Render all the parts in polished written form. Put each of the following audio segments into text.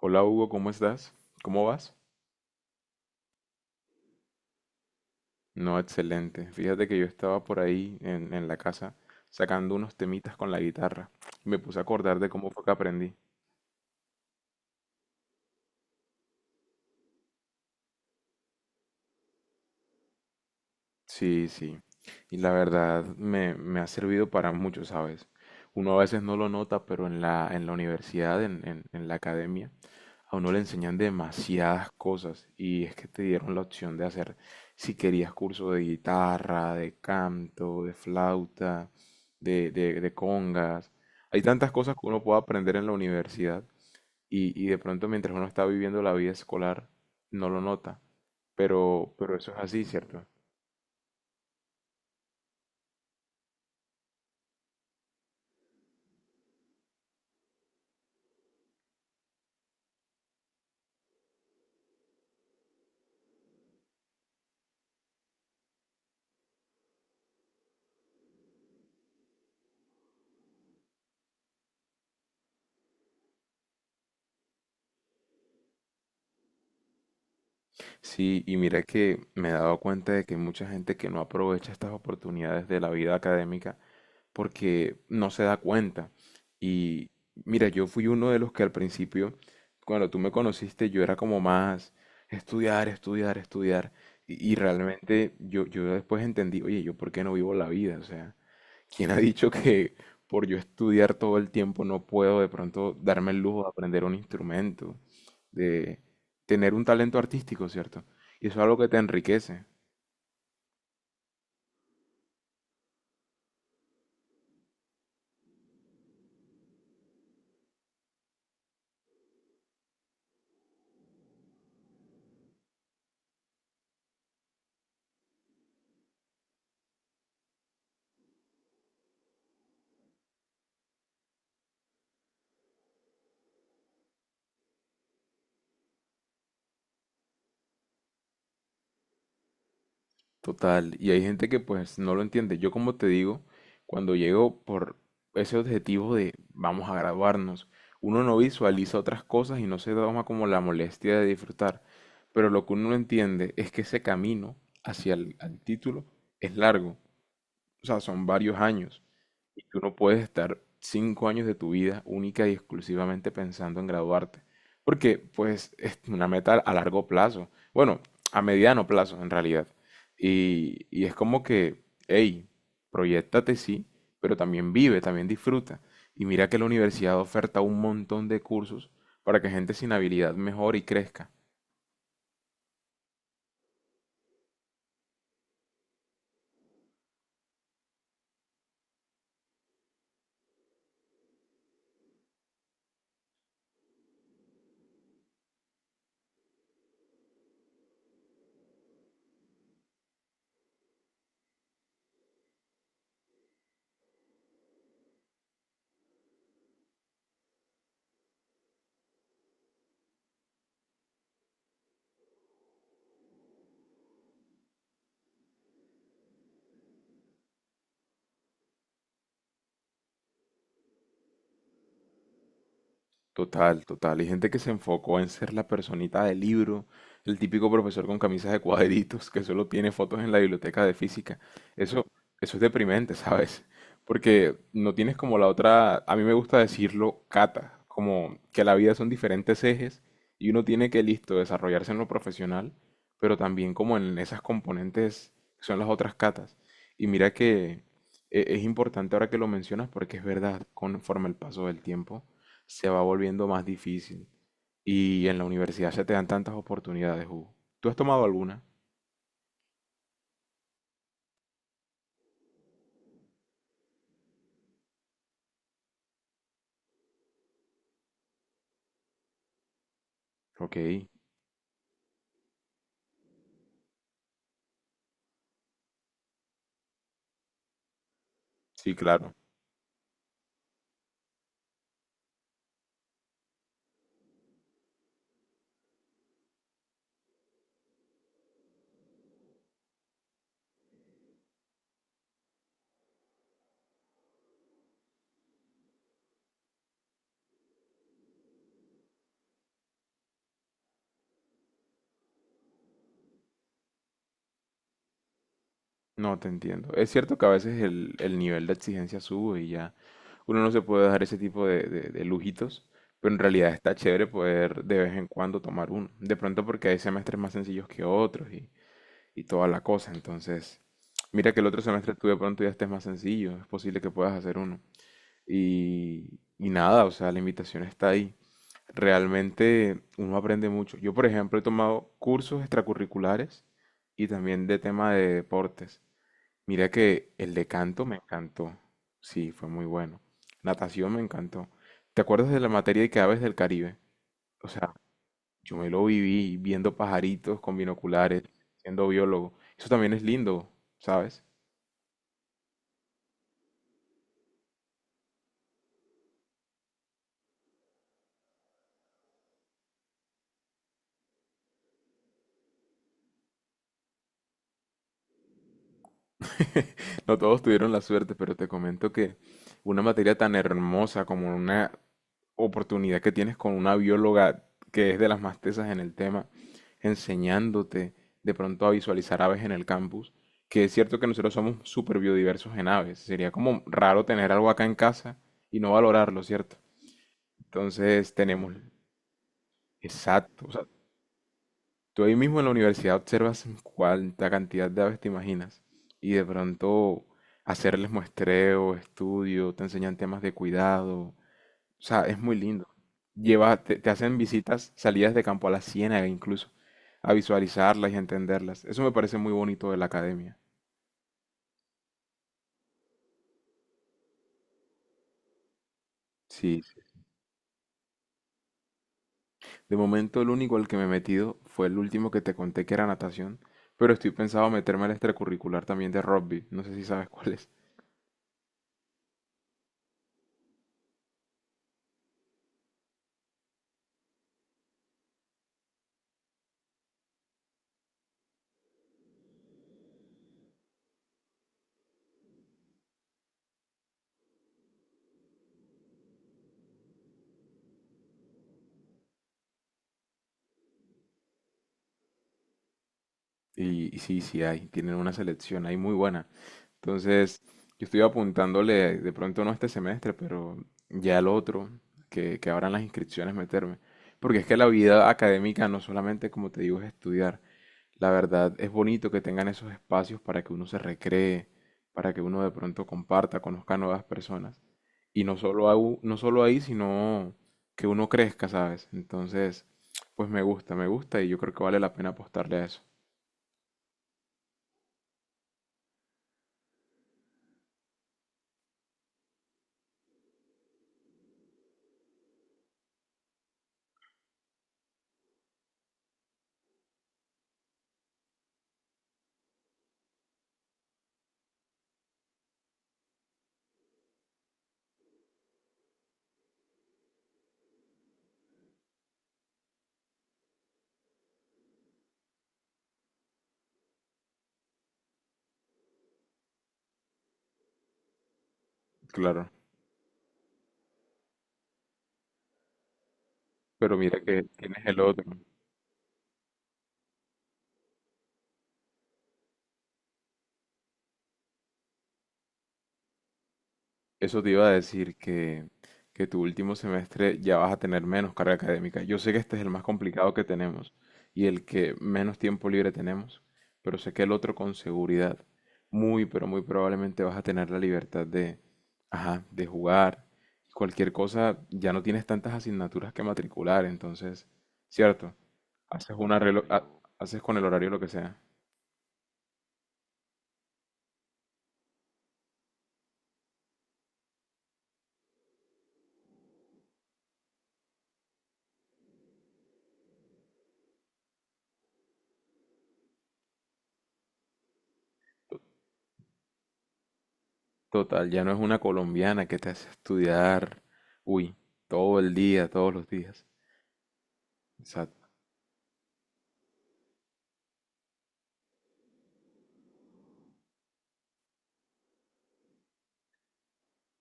Hola Hugo, ¿cómo estás? ¿Cómo vas? No, excelente. Fíjate que yo estaba por ahí en la casa sacando unos temitas con la guitarra. Me puse a acordar de cómo fue que aprendí. Sí, sí. Y la verdad me ha servido para mucho, ¿sabes? Uno a veces no lo nota, pero en la universidad, en la academia, a uno le enseñan demasiadas cosas. Y es que te dieron la opción de hacer, si querías, curso de guitarra, de canto, de flauta, de congas. Hay tantas cosas que uno puede aprender en la universidad. Y de pronto mientras uno está viviendo la vida escolar, no lo nota. Pero eso es así, ¿cierto? Sí, y mira que me he dado cuenta de que hay mucha gente que no aprovecha estas oportunidades de la vida académica porque no se da cuenta. Y mira, yo fui uno de los que al principio, cuando tú me conociste, yo era como más estudiar, estudiar, estudiar. Y realmente yo después entendí, oye, yo por qué no vivo la vida, o sea, ¿quién ha dicho que por yo estudiar todo el tiempo no puedo de pronto darme el lujo de aprender un instrumento, de tener un talento artístico, ¿cierto? Y eso es algo que te enriquece, total. Y hay gente que pues no lo entiende. Yo como te digo, cuando llego por ese objetivo de vamos a graduarnos, uno no visualiza otras cosas y no se toma como la molestia de disfrutar. Pero lo que uno no entiende es que ese camino hacia el al título es largo. O sea, son varios años. Y tú no puedes estar 5 años de tu vida única y exclusivamente pensando en graduarte. Porque, pues, es una meta a largo plazo. Bueno, a mediano plazo, en realidad. Y es como que, hey, proyectate, sí, pero también vive, también disfruta. Y mira que la universidad oferta un montón de cursos para que gente sin habilidad mejore y crezca. Total, total. Y gente que se enfocó en ser la personita del libro, el típico profesor con camisas de cuadritos que solo tiene fotos en la biblioteca de física. Eso, eso es deprimente, ¿sabes? Porque no tienes como la otra, a mí me gusta decirlo, cata, como que la vida son diferentes ejes y uno tiene que, listo, desarrollarse en lo profesional, pero también como en esas componentes que son las otras catas. Y mira que es importante ahora que lo mencionas porque es verdad, conforme el paso del tiempo se va volviendo más difícil. Y en la universidad se te dan tantas oportunidades, Hugo. ¿Tú has tomado alguna? Ok. Sí, claro. No te entiendo. Es cierto que a veces el nivel de exigencia sube y ya uno no se puede dar ese tipo de, de lujitos, pero en realidad está chévere poder de vez en cuando tomar uno. De pronto porque hay semestres más sencillos que otros y toda la cosa. Entonces, mira que el otro semestre tú de pronto ya estés más sencillo, es posible que puedas hacer uno. Y nada, o sea, la invitación está ahí. Realmente uno aprende mucho. Yo, por ejemplo, he tomado cursos extracurriculares y también de tema de deportes. Mira que el de canto me encantó. Sí, fue muy bueno. Natación me encantó. ¿Te acuerdas de la materia de que aves del Caribe? O sea, yo me lo viví viendo pajaritos con binoculares, siendo biólogo. Eso también es lindo, ¿sabes? No todos tuvieron la suerte, pero te comento que una materia tan hermosa como una oportunidad que tienes con una bióloga que es de las más tesas en el tema, enseñándote de pronto a visualizar aves en el campus, que es cierto que nosotros somos súper biodiversos en aves. Sería como raro tener algo acá en casa y no valorarlo, ¿cierto? Entonces tenemos... Exacto. O sea, tú ahí mismo en la universidad observas cuánta cantidad de aves te imaginas y de pronto hacerles muestreo, estudio, te enseñan temas de cuidado. O sea, es muy lindo. Lleva, te hacen visitas, salidas de campo a la ciénaga incluso, a visualizarlas y a entenderlas. Eso me parece muy bonito de la academia. Sí, de momento el único al que me he metido fue el último que te conté que era natación, pero estoy pensado meterme al extracurricular también de rugby, no sé si sabes cuál es. Y sí, sí hay, tienen una selección ahí muy buena. Entonces, yo estoy apuntándole, de pronto no este semestre, pero ya el otro, que abran las inscripciones, meterme. Porque es que la vida académica no solamente, como te digo, es estudiar. La verdad, es bonito que tengan esos espacios para que uno se recree, para que uno de pronto comparta, conozca nuevas personas. Y no solo, no solo ahí, sino que uno crezca, ¿sabes? Entonces, pues me gusta y yo creo que vale la pena apostarle a eso. Claro. Pero mira que tienes el otro. Eso te iba a decir que tu último semestre ya vas a tener menos carga académica. Yo sé que este es el más complicado que tenemos y el que menos tiempo libre tenemos, pero sé que el otro con seguridad, muy, pero muy probablemente vas a tener la libertad de, ajá, de jugar. Cualquier cosa, ya no tienes tantas asignaturas que matricular, entonces, cierto, haces una haces con el horario lo que sea. Total, ya no es una colombiana que te hace estudiar, uy, todo el día, todos los días. Exacto.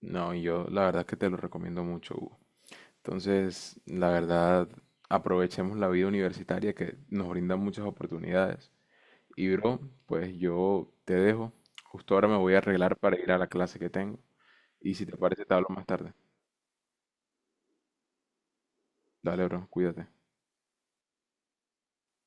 No, y yo la verdad que te lo recomiendo mucho, Hugo. Entonces, la verdad, aprovechemos la vida universitaria que nos brinda muchas oportunidades. Y bro, pues yo te dejo. Justo ahora me voy a arreglar para ir a la clase que tengo. Y si te parece, te hablo más tarde. Dale, bro, cuídate.